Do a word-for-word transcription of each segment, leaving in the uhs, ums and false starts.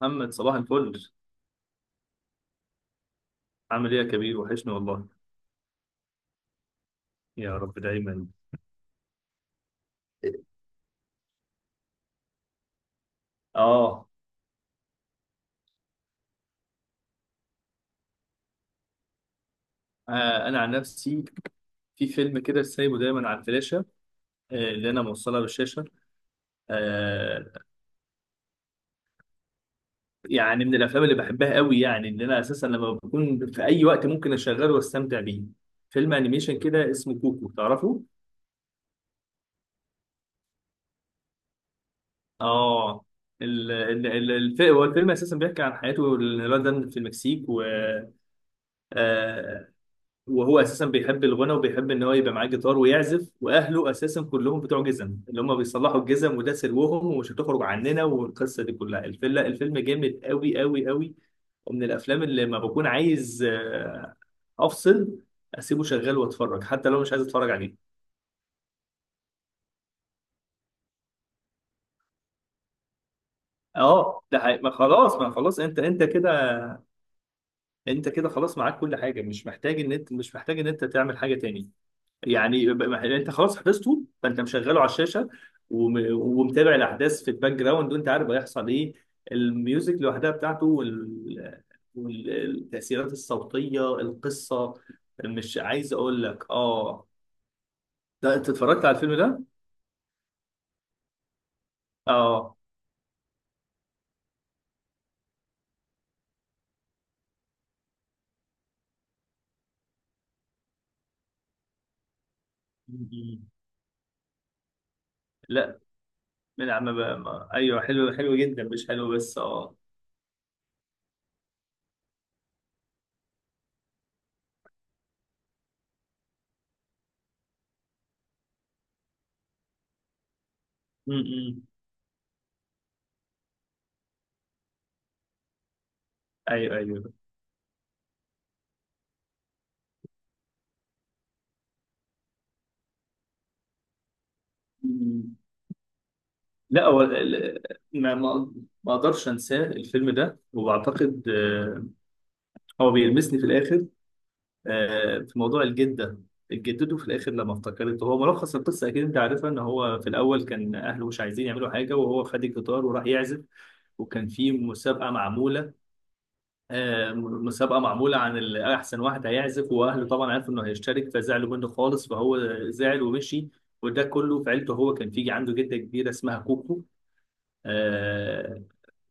محمد صباح الفل. عامل ايه يا كبير، وحشني والله. يا رب دايما. اه، آه، انا عن نفسي في فيلم كده سايبه دايما على الفلاشه، آه، اللي انا موصلها بالشاشه. آه، يعني من الافلام اللي بحبها قوي، يعني اللي انا اساسا لما بكون في اي وقت ممكن اشغله واستمتع بيه، فيلم انيميشن كده اسمه كوكو، تعرفه؟ اه. ال ال ال الف- هو الفيلم اساسا بيحكي عن حياته الولد ده في المكسيك، و آه، وهو اساسا بيحب الغنى وبيحب ان هو يبقى معاه جيتار ويعزف، واهله اساسا كلهم بتوع جزم، اللي هم بيصلحوا الجزم، وده سلوهم ومش هتخرج عننا، والقصه دي كلها. الفيلم الفيلم جامد قوي قوي قوي. ومن الافلام اللي ما بكون عايز آه، افصل، اسيبه شغال واتفرج حتى لو مش عايز اتفرج عليه. اه ده حقيقي. ما خلاص، ما خلاص، انت انت كده، انت كده خلاص معاك كل حاجه، مش محتاج ان انت، مش محتاج ان انت تعمل حاجه تاني. يعني ب- ب- يعني انت خلاص حفظته، فانت مشغله على الشاشه، وم- ومتابع الاحداث في الباك جراوند وانت عارف هيحصل ايه. الميوزك لوحدها بتاعته وال... والتاثيرات الصوتيه، القصه. مش عايز اقول لك اه، ده انت اتفرجت على الفيلم ده؟ اه. مم. لا من عم بقى ما... ايوه حلو، حلو جدا، مش حلو بس، اه. مم. ايوه ايوه. مم. لا هو ال- ما ما ما اقدرش انساه الفيلم ده، وبعتقد هو بيلمسني في الاخر، آه، في موضوع الجده. جدته في الاخر لما افتكرته، هو ملخص القصه اكيد انت عارفها، ان هو في الاول كان اهله مش عايزين يعملوا حاجه، وهو خد الجيتار وراح يعزف. وكان في مسابقه معموله، آه، مسابقه معموله عن ال- احسن واحد هيعزف، واهله طبعا عرفوا انه هيشترك فزعلوا منه خالص، فهو زعل ومشي. وده كله في عيلته. هو كان في عنده جده كبيره اسمها كوكو، آه،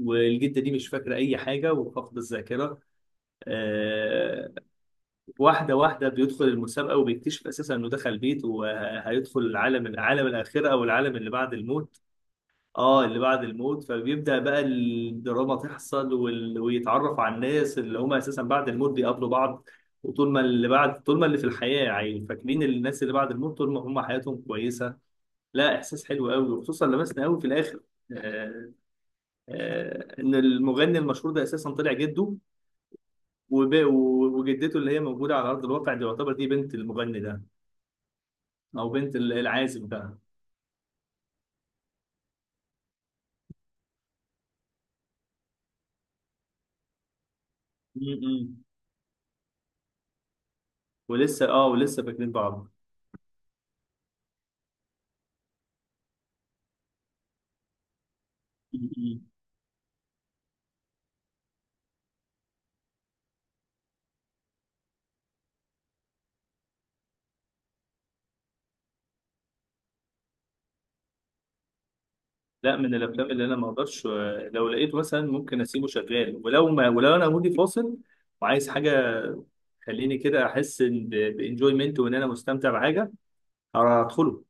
والجده دي مش فاكره اي حاجه وفاقده الذاكره. آه، واحدة واحدة بيدخل المسابقة وبيكتشف أساسا إنه دخل بيت، وهيدخل العالم، العالم الآخرة، أو العالم اللي بعد الموت. آه اللي بعد الموت، فبيبدأ بقى الدراما تحصل وال... ويتعرف على الناس اللي هم أساسا بعد الموت بيقابلوا بعض. وطول ما اللي بعد، طول ما اللي في الحياة يعني فاكرين الناس اللي بعد الموت، طول ما هم حياتهم كويسة. لا إحساس حلو قوي، وخصوصا لمسنا قوي في الآخر. آه. آه إن المغني المشهور ده أساسا طلع جده. وب- وجدته اللي هي موجودة على أرض الواقع دي، يعتبر دي بنت المغني ده، او بنت ال- العازب ده. مم. ولسه اه، ولسه فاكرين بعض. مم. لا من الافلام اللي انا ما اقدرش، آه، لو لقيت مثلا ممكن اسيبه شغال. ولو ما، ولو انا مودي فاصل وعايز حاجه، تخليني كده احس إن ب- بانجويمنت وان انا مستمتع بحاجه، هدخله.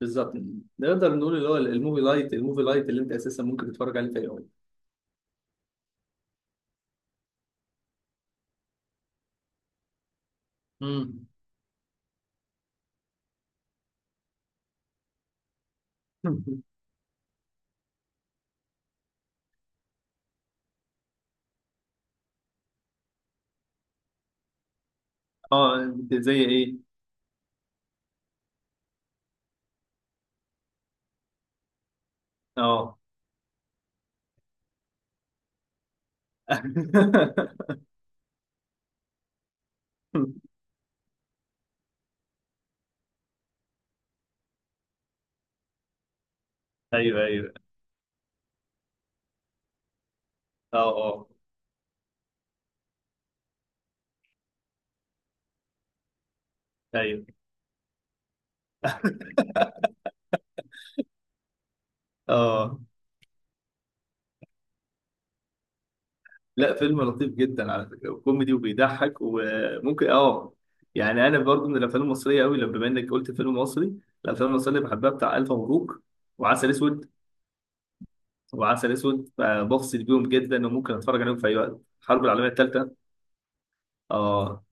بالظبط. نقدر نقول اللي هو الموفي لايت، الموفي لايت اللي انت اساسا ممكن تتفرج عليه في اي وقت. م. اه زي ايه؟ اه. ايوه ايوه، اه اه، ايوه، اه. لا فيلم لطيف جدا على فكره، وكوميدي وبيضحك وممكن اه. يعني انا برضو من الافلام المصريه قوي، لما بما انك قلت فيلم مصري، الافلام المصريه اللي بحبها بتاع الف مبروك، وعسل اسود. وعسل اسود آه، بفصل بيهم جدا، وممكن اتفرج عليهم في اي وقت، الحرب العالميه الثالثه. اه.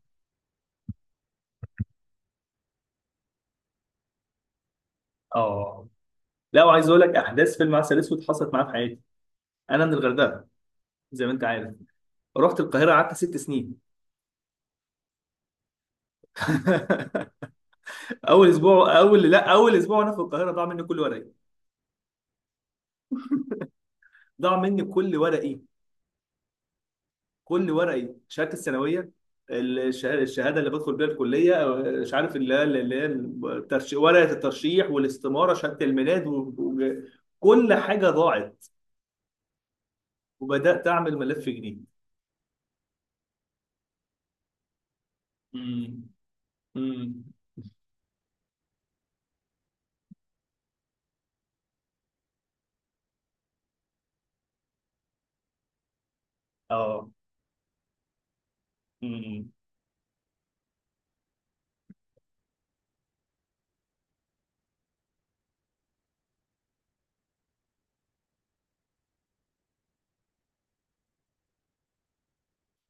اه. لا وعايز اقول لك احداث فيلم عسل اسود حصلت معايا في حياتي. انا من الغردقه زي ما انت عارف. رحت القاهره قعدت ست سنين. اول اسبوع، اول، لا اول اسبوع وانا في القاهره ضاع مني كل ورقي. ضاع مني كل ورقي، كل ورقي، شهاده الثانويه، الشه- الشهاده اللي بدخل بيها الكليه، أو مش عارف اللي هي، اللي هي الترشي- ورقه الترشيح والاستماره، شهاده الميلاد، و- و- كل حاجه ضاعت، وبدات اعمل ملف جديد. امم. امم. اه. امم.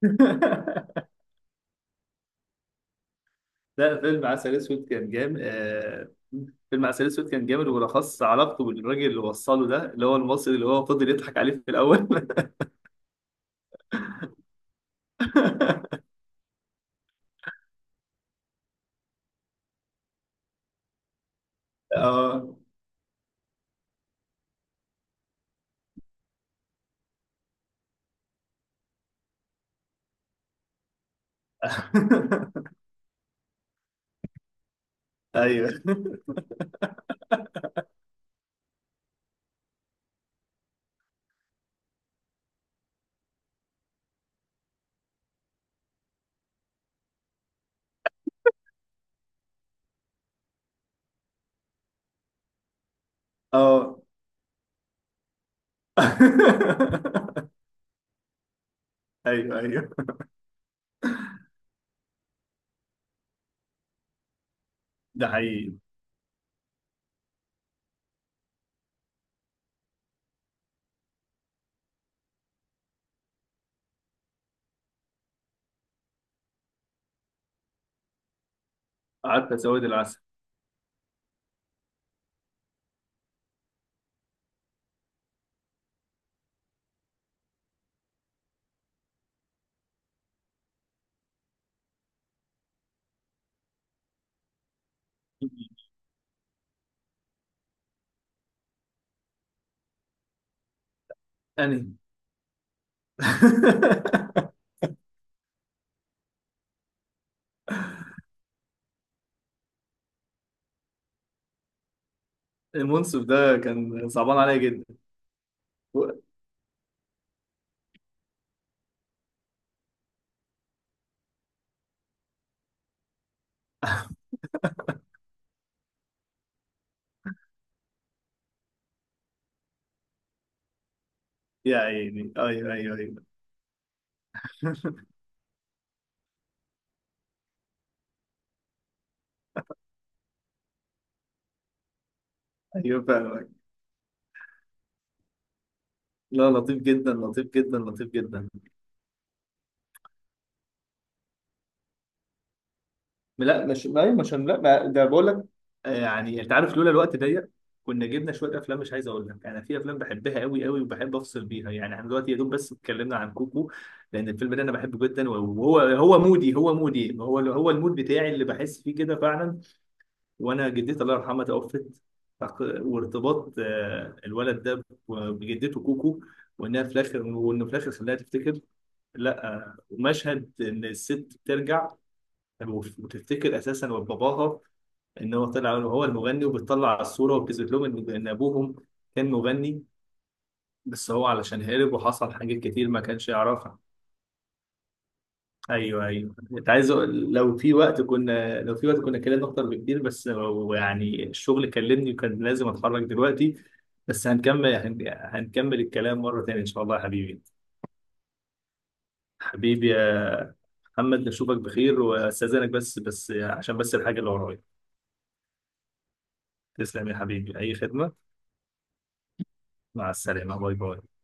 لا فيلم عسل اسود كان جامد. آه، فيلم عسل اسود كان جامد، وبالاخص علاقته بالراجل اللي وصله ده، اللي هو المصري اللي هو فضل يضحك عليه في الاول. اه. ايوه، اه. ايوه ايوه، ده حقيقي. قعدت اسود العسل. انهي؟ المنصف ده كان صعبان عليا جدا. و- يا عيني ايوه ايوه ايوه. ايوه فاهمك. لا لطيف جدا، لطيف جدا، لطيف جدا. لا مش ما مش، لا ما ده بقول لك، آه، يعني انت عارف، لولا الوقت ضيق كنا جبنا شويه افلام. مش عايز اقول لك، انا في افلام بحبها قوي قوي وبحب افصل بيها. يعني احنا دلوقتي يا دوب بس اتكلمنا عن كوكو، لان الفيلم ده انا بحبه جدا. وهو هو مودي، هو مودي، هو هو المود بتاعي اللي بحس فيه كده فعلا. وانا جدتي الله يرحمها توفت. فق- وارتباط آه، الولد ده بجدته كوكو، وانها في الاخر، وانه في الاخر خلاها تفتكر. لا آه، ومشهد ان الست بترجع وتفتكر اساسا باباها، ان هو طلع هو المغني، وبتطلع على الصوره وبتثبت لهم ان إن ابوهم كان مغني، بس هو علشان هرب وحصل حاجات كتير ما كانش يعرفها. ايوه ايوه، انت عايز أقول- لو في وقت كنا، لو في وقت كنا اتكلمنا اكتر بكتير، بس هو يعني الشغل كلمني وكان لازم اتحرك دلوقتي. بس هنكمل، هن- هنكمل الكلام مره تانيه ان شاء الله يا حبيبي. حبيبي يا محمد، نشوفك بخير واستاذنك بس، بس عشان بس الحاجه اللي ورايا. تسلم يا حبيبي، اي خدمه. مع السلامة، باي باي.